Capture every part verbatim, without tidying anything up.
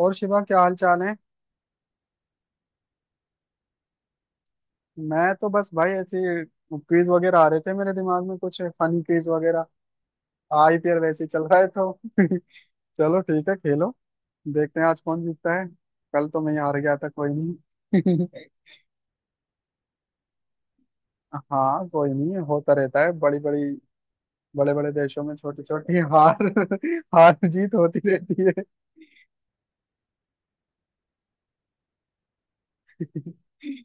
और शिवा, क्या हाल चाल है। मैं तो बस भाई ऐसे क्विज वगैरह आ रहे थे मेरे दिमाग में, कुछ फनी क्विज वगैरह। आईपीएल वैसे ही चल रहा है तो। चलो ठीक है, खेलो। देखते हैं आज कौन जीतता है। कल तो मैं ही हार गया था, कोई नहीं। हाँ कोई नहीं, होता रहता है। बड़ी बड़ी बड़े बड़े देशों में छोटी छोटी हार हार जीत होती रहती है।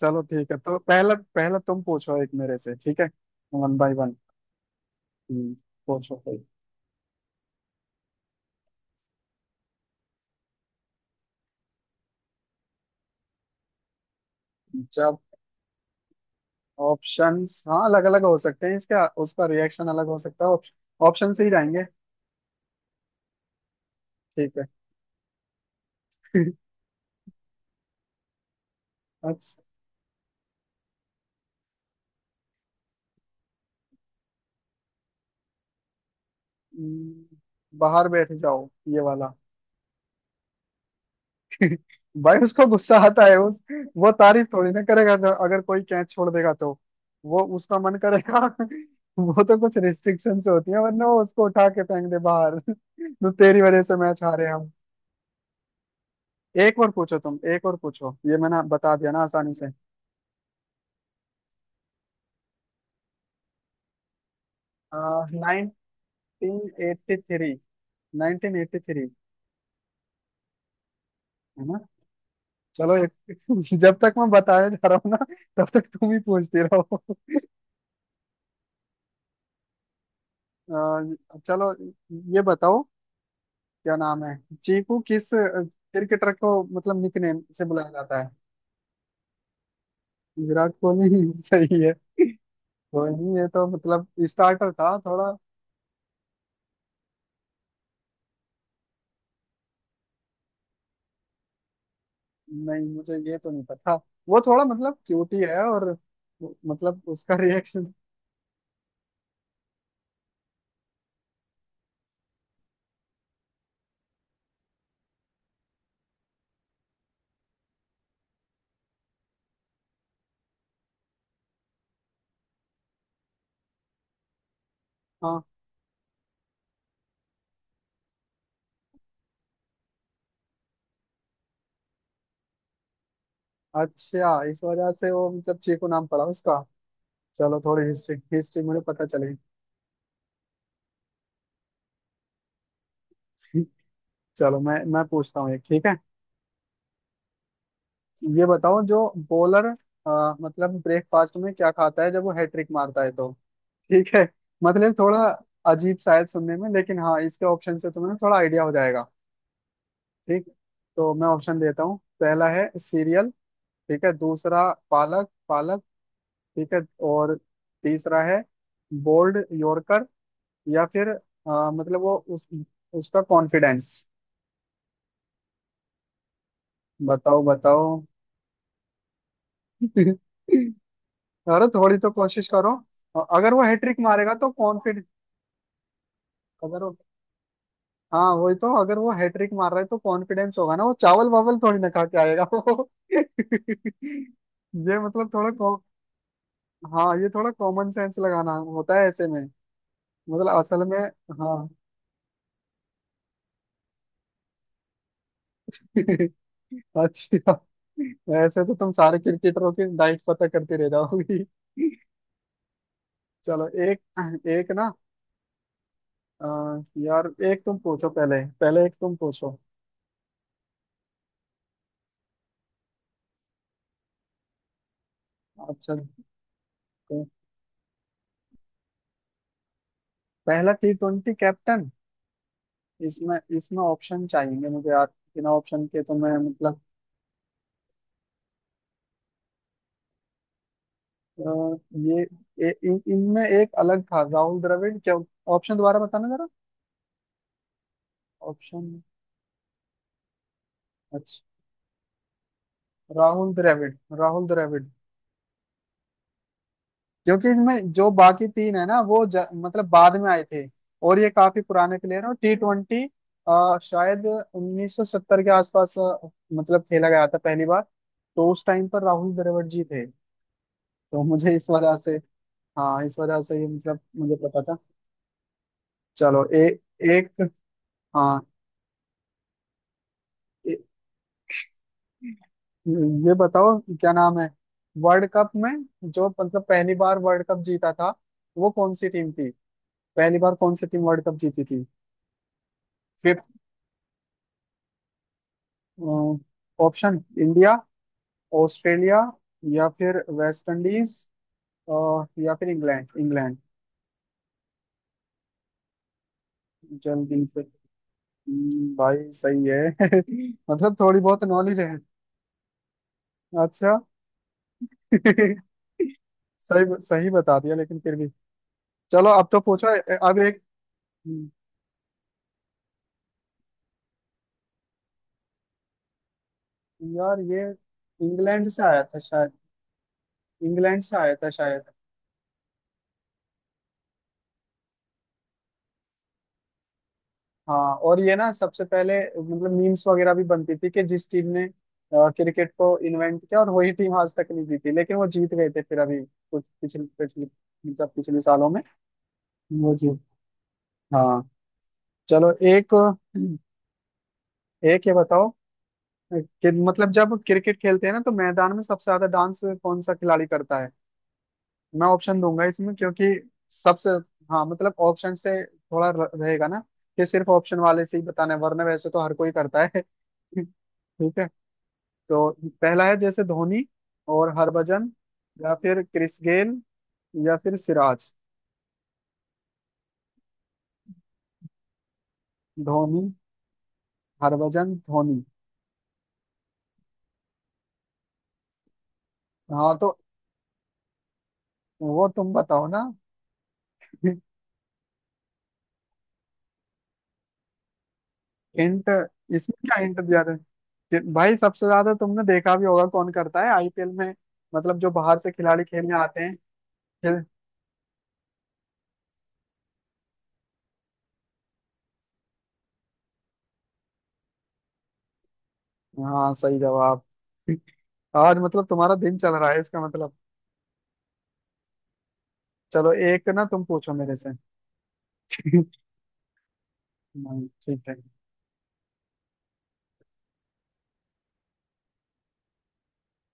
चलो ठीक है, तो पहला पहला तुम पूछो एक मेरे से, ठीक है। One by one. पूछो कोई। जब ऑप्शंस, हाँ, अलग अलग हो सकते हैं, इसका उसका रिएक्शन अलग हो सकता है। ऑप्शन से ही जाएंगे। ठीक है। अच्छा। हम्म, बाहर बैठ जाओ, ये वाला। भाई उसको गुस्सा आता है उस वो तारीफ थोड़ी ना करेगा, जो- अगर कोई कैच छोड़ देगा तो वो उसका मन करेगा। वो तो कुछ रिस्ट्रिक्शन से होती है, वरना वो उसको उठा के फेंक दे बाहर। तो तेरी वजह से मैच हारे हम। एक और पूछो तुम, एक और पूछो, ये मैंने बता दिया ना आसानी से। Nineteen eighty three. Nineteen eighty three, है ना। चलो एक। जब तक मैं बताया जा रहा हूँ ना, तब तक तुम ही पूछते रहो। अ, चलो, ये बताओ क्या नाम है। चीकू किस क्रिकेटर को मतलब निकनेम से बुलाया जाता है। विराट कोहली, सही है। कोहली, ये तो मतलब स्टार्टर था थोड़ा। नहीं मुझे ये तो नहीं पता। वो थोड़ा मतलब क्यूटी है और, मतलब उसका रिएक्शन। हाँ। अच्छा, इस वजह से वो मतलब चीकू नाम पड़ा उसका। चलो, थोड़ी हिस्ट्री हिस्ट्री मुझे पता चलेगी। चलो मैं मैं पूछता हूँ एक, ठीक है। ये बताओ, जो बॉलर मतलब ब्रेकफास्ट में क्या खाता है जब वो हैट्रिक मारता है तो। ठीक है। मतलब थोड़ा अजीब शायद सुनने में, लेकिन हाँ इसके ऑप्शन से तुम्हें थोड़ा आइडिया हो जाएगा। ठीक। तो मैं ऑप्शन देता हूँ। पहला है सीरियल, ठीक है। दूसरा पालक पालक, ठीक है। और तीसरा है बोल्ड यॉर्कर, या फिर अ, मतलब वो उस उसका कॉन्फिडेंस। बताओ बताओ। अरे थोड़ी तो कोशिश करो। अ- अगर वो हैट्रिक मारेगा तो कॉन्फिडेंस, अगर वो, हाँ वही, तो अगर वो हैट्रिक मार रहा है तो कॉन्फिडेंस होगा ना, वो चावल वावल थोड़ी ना खा के आएगा वो। ये मतलब थोड़ा को, हाँ ये थोड़ा कॉमन सेंस लगाना होता है ऐसे में, मतलब असल में। हाँ। अच्छा, ऐसे तो तुम सारे क्रिकेटरों की डाइट पता करती रह जाओगी। चलो एक, एक ना, अ, यार एक तुम पूछो, पहले पहले एक तुम पूछो। अच्छा। तो पहला टी ट्वेंटी कैप्टन, इसमें इसमें ऑप्शन चाहिए मुझे यार, बिना ऑप्शन के तो मैं मतलब। अ, ये ए- इन इनमें एक अलग था राहुल द्रविड़ क्या। ऑप्शन दोबारा बताना जरा। ऑप्शन। अच्छा। राहुल द्रविड़। राहुल द्रविड़। क्योंकि इसमें जो बाकी तीन है ना वो ज, मतलब बाद में आए थे, और ये काफी पुराने प्लेयर हैं टी ट्वेंटी। शायद उन्नीस सौ सत्तर के आसपास अ, मतलब खेला गया था पहली बार। तो उस टाइम पर राहुल द्रविड़ जी थे। तो मुझे इस वजह से, हाँ इस वजह से ये मतलब मुझे पता था। चलो ए, एक, हाँ ए, ये बताओ क्या नाम है। वर्ल्ड कप में जो मतलब पहली बार वर्ल्ड कप जीता था, वो कौन सी टीम थी। पहली बार कौन सी टीम वर्ल्ड कप जीती थी। फिफ्थ। ऑप्शन इंडिया, ऑस्ट्रेलिया, या फिर वेस्ट इंडीज, और या फिर इंग्लैंड इंग्लैंड। जल्दी से। हम्म, भाई सही है। मतलब थोड़ी बहुत नॉलेज है। अच्छा। सही सही बता दिया लेकिन फिर भी। चलो अब तो पूछो। अब एक। यार ये इंग्लैंड से आया था शायद। इंग्लैंड से आया था शायद। हाँ और ये ना सबसे पहले मतलब मीम्स वगैरह भी बनती थी कि जिस टीम ने अ, क्रिकेट को इन्वेंट किया और वही टीम आज तक नहीं जीती, लेकिन वो जीत गए थे फिर अभी कुछ पिछले पिछले मतलब पिछले सालों में। वो जी। हाँ। चलो एक, एक ये बताओ कि मतलब जब क्रिकेट खेलते हैं ना, तो मैदान में सबसे ज्यादा डांस कौन सा खिलाड़ी करता है। मैं ऑप्शन दूंगा इसमें, क्योंकि सबसे, हाँ मतलब ऑप्शन से थोड़ा र- रहेगा ना, कि सिर्फ ऑप्शन वाले से ही बताना है, वरना वैसे तो हर कोई करता है। ठीक है। तो पहला है जैसे धोनी और हरभजन, या फिर क्रिस गेल, या फिर सिराज। धोनी, हरभजन, धोनी। हाँ तो वो तुम बताओ ना। हिंट? इसमें क्या हिंट दिया था? कि भाई सबसे ज्यादा तुमने देखा भी होगा कौन करता है आईपीएल में, मतलब जो बाहर से खिलाड़ी खेलने आते हैं। हाँ सही जवाब। आज मतलब तुम्हारा दिन चल रहा है, इसका मतलब। चलो एक ना तुम पूछो मेरे से। नहीं, ठीक है।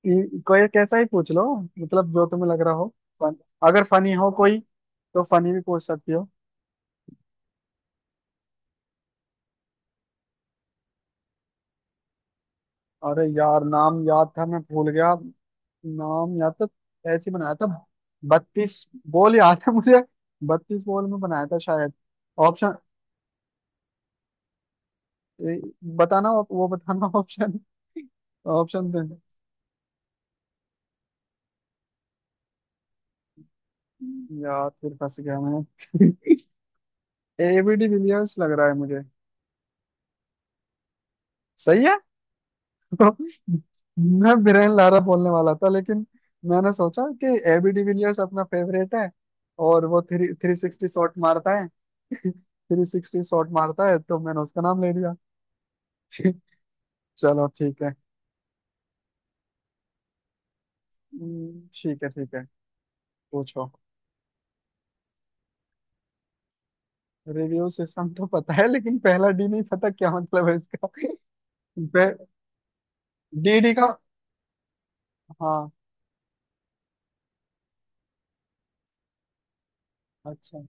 ये- कोई कैसा ही पूछ लो, मतलब जो तुम्हें लग रहा हो। फन, अगर फनी हो कोई तो फनी भी पूछ सकती हो। अरे यार नाम याद था, मैं भूल गया। नाम याद तो, ऐसे ही बनाया था। बत्तीस बॉल याद है मुझे, बत्तीस बॉल में बनाया था शायद। ऑप्शन, ए, बताना वो बताना। ऑप्शन, ऑप्शन दे। यार फिर फंस गया मैं। एबीडी विलियर्स लग रहा है मुझे। सही है। मैं बिरेन लारा बोलने वाला था, लेकिन मैंने सोचा कि एबीडी विलियर्स अपना फेवरेट है, और वो थ्री थ्री सिक्सटी शॉट मारता है। थ्री सिक्सटी शॉट मारता है तो मैंने उसका नाम ले लिया। चलो ठीक है। हम्म, ठीक है ठीक है, पूछो। रिव्यू सिस्टम तो पता है, लेकिन पहला डी नहीं पता क्या मतलब है इसका। डी डी का। हाँ। अच्छा।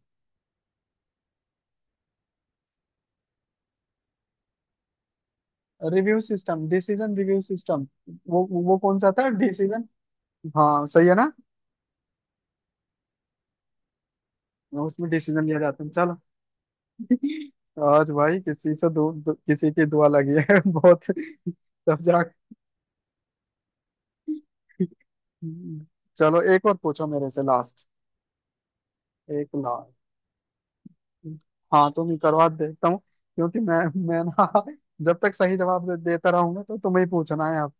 Review system, decision review system. वो वो कौन सा था, डिसीजन? हाँ सही है ना। उसमें डिसीजन लिया जाता है, चलो। आज भाई, किसी से दो, दो किसी की दुआ लगी है बहुत। तब जा। चलो एक और पूछो मेरे से, लास्ट। एक लास्ट, हाँ तुम ही करवा, देखता हूँ। क्योंकि मैं, मैं ना जब तक सही जवाब दे- देता रहूंगा तो तुम्हें ही पूछना है अब।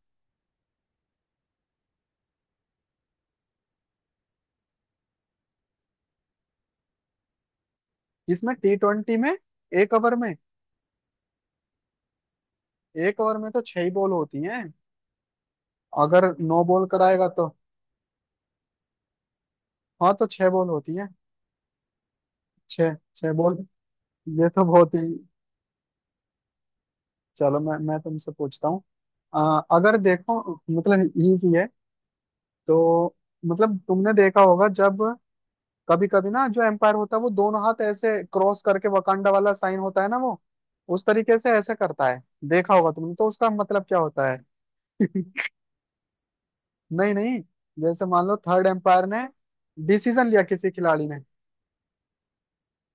इसमें टी ट्वेंटी में एक ओवर में, एक ओवर में तो छह ही बॉल होती हैं। अगर नौ बॉल कराएगा तो, हाँ तो छह बॉल होती है, छः छः बॉल। ये तो बहुत ही, चलो मैं मैं तुमसे पूछता हूँ। अ, अगर देखो, मतलब इजी है, तो मतलब तुमने देखा होगा जब कभी कभी ना जो एम्पायर होता है वो दोनों हाथ ऐसे क्रॉस करके वकांडा वाला साइन होता है ना, वो उस तरीके से ऐसे करता है। देखा होगा तुमने, तो उसका मतलब क्या होता है? नहीं नहीं, जैसे मान लो थर्ड एम्पायर ने डिसीजन लिया किसी खिलाड़ी ने।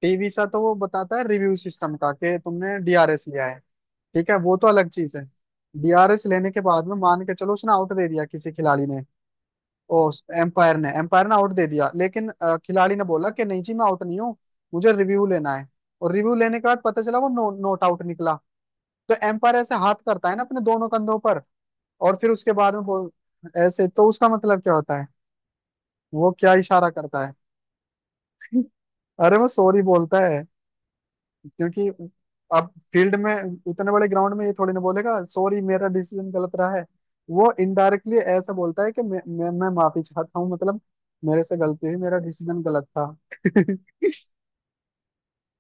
टीवी सा तो वो बताता है रिव्यू सिस्टम का, कि तुमने डीआरएस लिया है। ठीक है, वो तो अलग चीज है। डीआरएस लेने के बाद में मान के चलो उसने आउट दे दिया किसी खिलाड़ी ने। ओ एम्पायर ने, एम्पायर ने आउट दे दिया, लेकिन अ, खिलाड़ी ने बोला कि नहीं जी मैं आउट नहीं हूँ, मुझे रिव्यू लेना है। और रिव्यू लेने के बाद पता चला वो नो, नॉट आउट निकला। तो एम्पायर ऐसे हाथ करता है ना अपने दोनों कंधों पर, और फिर उसके बाद में बोल ऐसे, तो उसका मतलब क्या होता है, वो क्या इशारा करता है? अरे वो सॉरी बोलता है, क्योंकि अब फील्ड में, इतने बड़े ग्राउंड में ये थोड़ी ना बोलेगा सॉरी मेरा डिसीजन गलत रहा है। वो इनडायरेक्टली ऐसा बोलता है कि मैं मैं, मैं माफी चाहता हूँ, मतलब मेरे से गलती हुई, मेरा डिसीजन गलत था।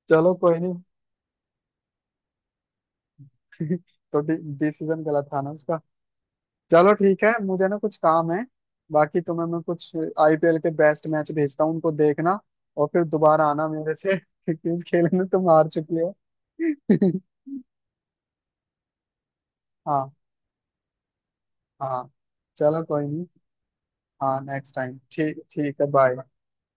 चलो कोई नहीं। तो डिसीजन गलत था ना उसका। चलो ठीक है, मुझे ना कुछ काम है। बाकी तुम्हें मैं कुछ आईपीएल के बेस्ट मैच भेजता हूँ, उनको देखना। और फिर दोबारा आना मेरे से, क्योंकि इस खेल में तुम हार चुकी हो। हाँ। हाँ। चलो कोई नहीं। हाँ नेक्स्ट टाइम ठीक, ठीक है, बाय।